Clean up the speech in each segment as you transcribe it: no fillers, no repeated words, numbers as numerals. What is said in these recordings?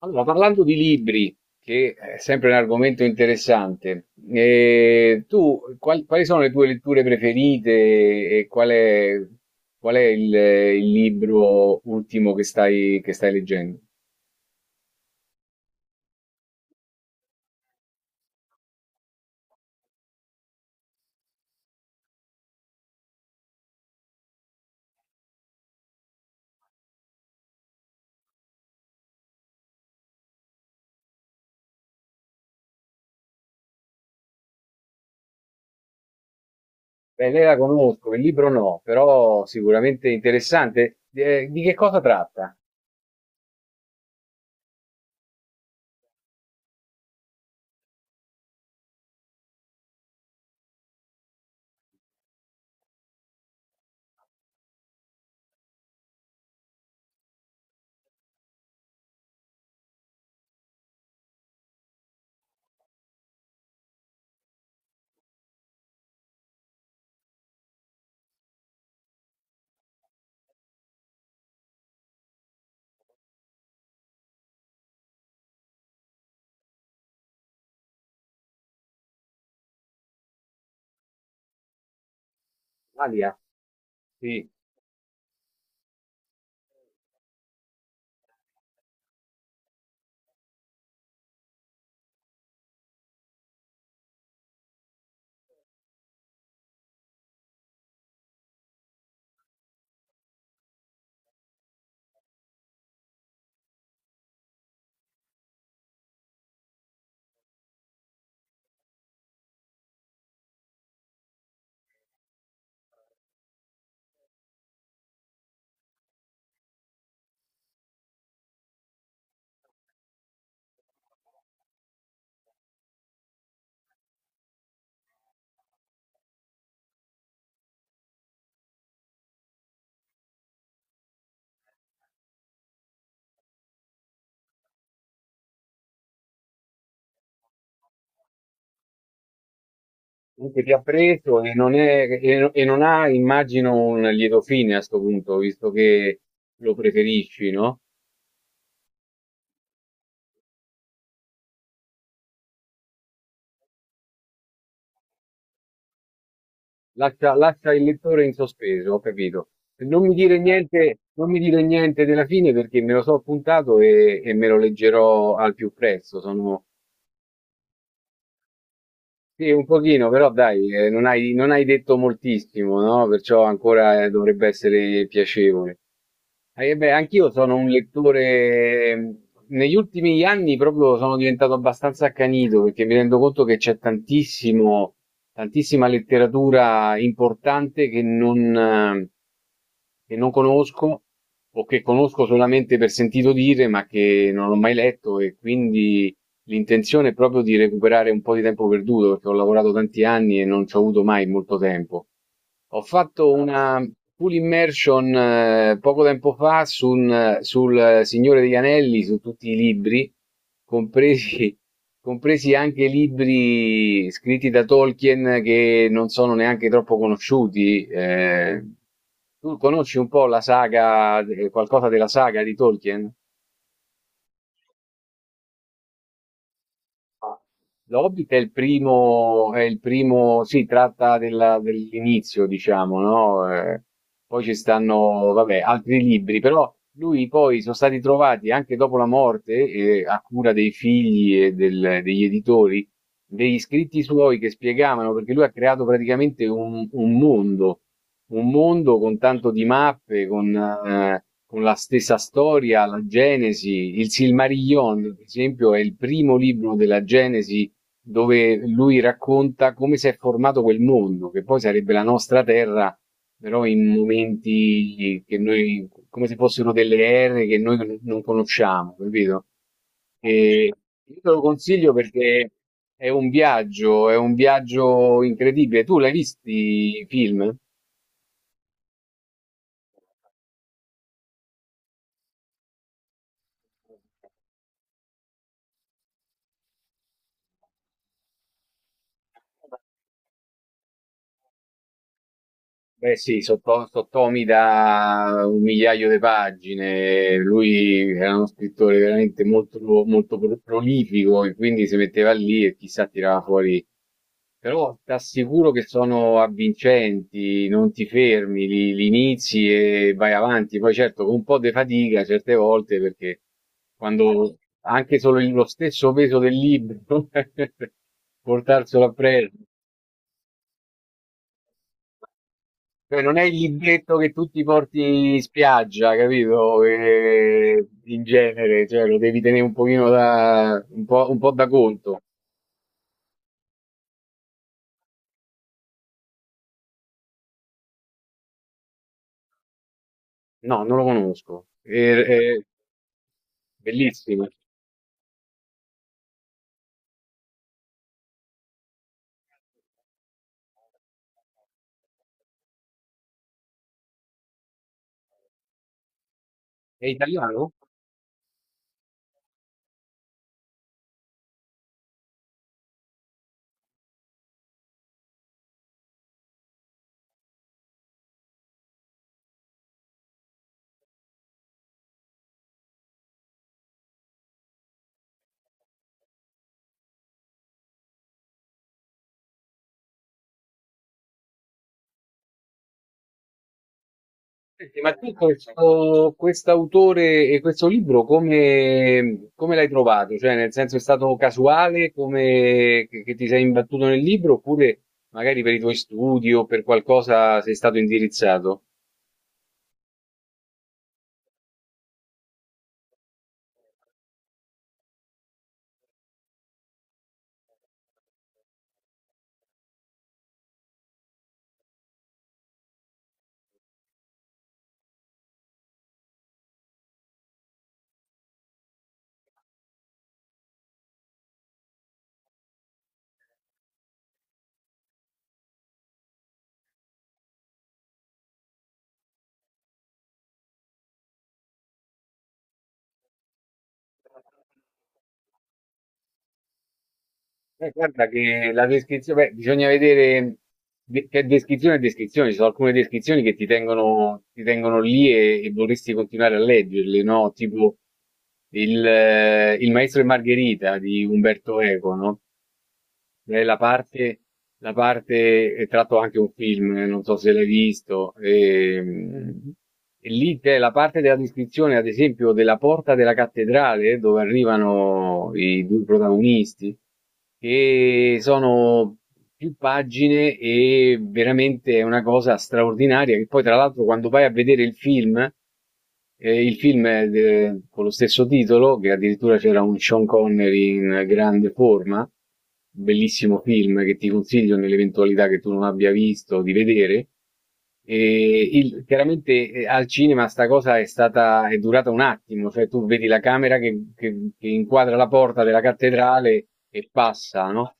Allora, parlando di libri, che è sempre un argomento interessante, quali sono le tue letture preferite e qual è il libro ultimo che che stai leggendo? Beh, lei la conosco, il libro no, però sicuramente interessante. Di che cosa tratta? Alia? Sì, comunque ti ha preso e e non ha, immagino, un lieto fine a sto punto, visto che lo preferisci, no? Lascia il lettore in sospeso, ho capito. Non mi dire niente, non mi dire niente della fine perché me lo so appuntato e me lo leggerò al più presto. Sono, sì, un pochino, però dai, non hai detto moltissimo, no? Perciò ancora dovrebbe essere piacevole. Beh, anch'io sono un lettore, negli ultimi anni proprio sono diventato abbastanza accanito perché mi rendo conto che c'è tantissimo tantissima letteratura importante che non conosco o che conosco solamente per sentito dire, ma che non ho mai letto e quindi l'intenzione è proprio di recuperare un po' di tempo perduto, perché ho lavorato tanti anni e non ci ho avuto mai molto tempo. Ho fatto una full immersion poco tempo fa su sul Signore degli Anelli, su tutti i libri, compresi, compresi anche libri scritti da Tolkien che non sono neanche troppo conosciuti. Tu conosci un po' la saga, qualcosa della saga di Tolkien? L'Hobbit è il primo, sì, tratta dell'inizio, diciamo, no? Poi ci stanno, vabbè, altri libri, però lui poi sono stati trovati anche dopo la morte, a cura dei figli e degli editori, degli scritti suoi che spiegavano, perché lui ha creato praticamente un mondo con tanto di mappe, con la stessa storia, la Genesi, il Silmarillion, per esempio, è il primo libro della Genesi dove lui racconta come si è formato quel mondo, che poi sarebbe la nostra terra, però in momenti che noi, come se fossero delle ere che noi non conosciamo, capito? E io te lo consiglio perché è un viaggio incredibile. Tu l'hai visti i film? Beh sì, sotto, sottomi da un migliaio di pagine, lui era uno scrittore veramente molto, molto prolifico e quindi si metteva lì e chissà tirava fuori. Però ti assicuro che sono avvincenti, non ti fermi, li inizi e vai avanti. Poi certo con un po' di fatica certe volte perché quando anche solo lo stesso peso del libro portarselo appresso. Cioè, non è il libretto che tu ti porti in spiaggia, capito? In genere, cioè, lo devi tenere un pochino da, un po' da conto. No, non lo conosco. E- bellissimo. È italiano? Senti, ma tu questo, autore e questo libro come, come l'hai trovato? Cioè, nel senso è stato casuale come che ti sei imbattuto nel libro oppure magari per i tuoi studi o per qualcosa sei stato indirizzato? Guarda che la descrizione, beh, bisogna vedere che descrizione è descrizione, ci sono alcune descrizioni che ti tengono lì e vorresti continuare a leggerle, no? Tipo il Maestro e Margherita di Umberto Eco, no? Eh, la parte, la parte è tratto anche un film, non so se l'hai visto. E, lì c'è la parte della descrizione, ad esempio, della porta della cattedrale dove arrivano i due protagonisti, che sono più pagine e veramente è una cosa straordinaria. Che poi, tra l'altro, quando vai a vedere il film. E il film è con lo stesso titolo, che addirittura c'era un Sean Connery in grande forma, bellissimo film che ti consiglio nell'eventualità che tu non abbia visto di vedere. Chiaramente al cinema sta cosa è stata, è durata un attimo, cioè tu vedi la camera che inquadra la porta della cattedrale e passa, no?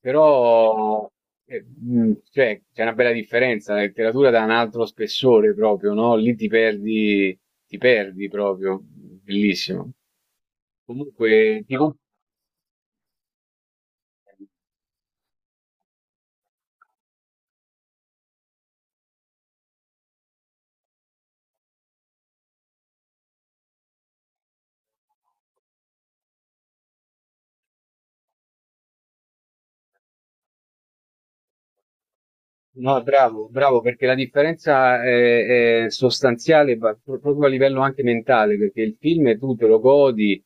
Però cioè, c'è una bella differenza, la letteratura dà un altro spessore proprio, no? Lì ti perdi proprio, bellissimo. Comunque, no, bravo, bravo, perché la differenza è sostanziale ma proprio a livello anche mentale, perché il film tu te lo godi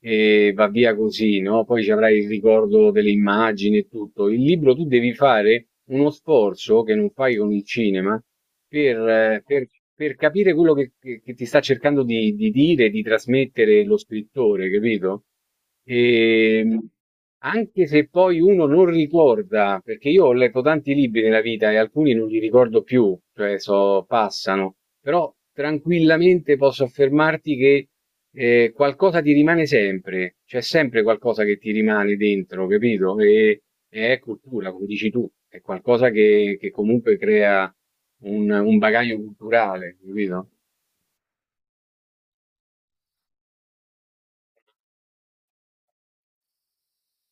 e va via così, no? Poi ci avrai il ricordo delle immagini e tutto. Il libro tu devi fare uno sforzo che non fai con il cinema per, eh, per- per capire quello che ti sta cercando di dire, di trasmettere lo scrittore, capito? E, anche se poi uno non ricorda, perché io ho letto tanti libri nella vita e alcuni non li ricordo più, cioè so, passano, però tranquillamente posso affermarti che qualcosa ti rimane sempre, c'è sempre qualcosa che ti rimane dentro, capito? E è cultura, come dici tu, è qualcosa che comunque crea un bagaglio culturale, capito?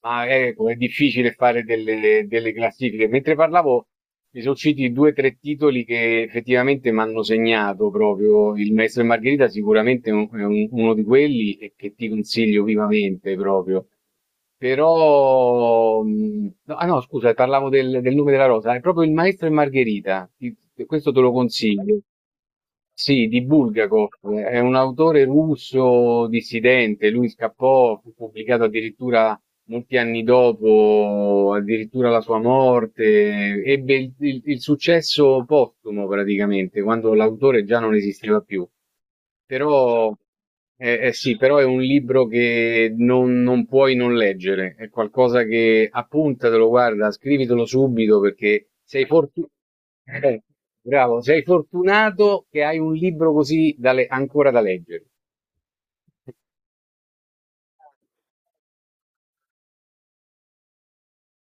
Ma ecco, è difficile fare delle classifiche. Mentre parlavo, mi sono usciti due o tre titoli che effettivamente mi hanno segnato proprio. Il Maestro e Margherita sicuramente uno di quelli e che ti consiglio vivamente proprio. Però, no, ah no, scusa, parlavo del nome della rosa, è proprio il Maestro e Margherita, questo te lo consiglio. Sì, di Bulgakov, è un autore russo dissidente, lui scappò, fu pubblicato addirittura molti anni dopo, addirittura la sua morte, ebbe il successo postumo praticamente, quando l'autore già non esisteva più. Però eh sì, però è un libro che non puoi non leggere, è qualcosa che appuntatelo, guarda, scrivitelo subito perché sei fortunato. Bravo, sei fortunato che hai un libro così da ancora da leggere.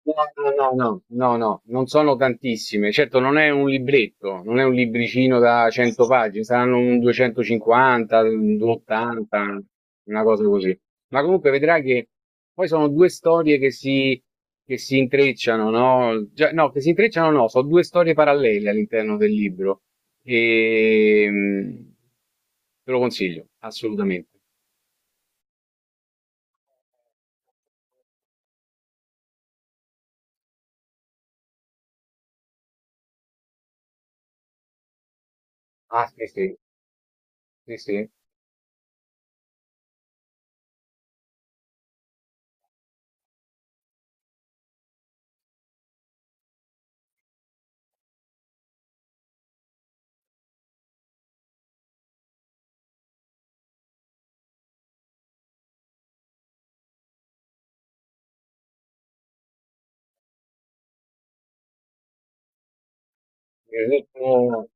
No, no, no, no, no, non sono tantissime. Certo, non è un libretto, non è un libricino da 100 pagine, saranno un 250, un 280, una cosa così. Ma comunque vedrai che poi sono due storie che si intrecciano, no? Già- no, che si intrecciano no, sono due storie parallele all'interno del libro. E mm, te lo consiglio, assolutamente. Ah, sì, sì, sì, sì. Il ritmo-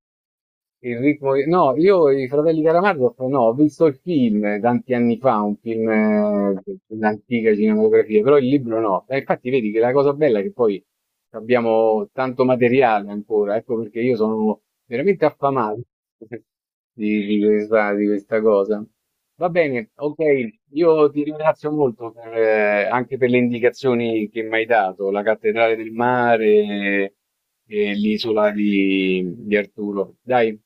Il ritmo, no, io i Fratelli Calamardo, no, ho visto il film tanti anni fa, un film dell'antica cinematografia, però il libro no. E infatti vedi che la cosa bella è che poi abbiamo tanto materiale ancora, ecco perché io sono veramente affamato di questa cosa. Va bene, ok, io ti ringrazio molto per, anche per le indicazioni che mi hai dato, la cattedrale del mare e l'isola di Arturo. Dai,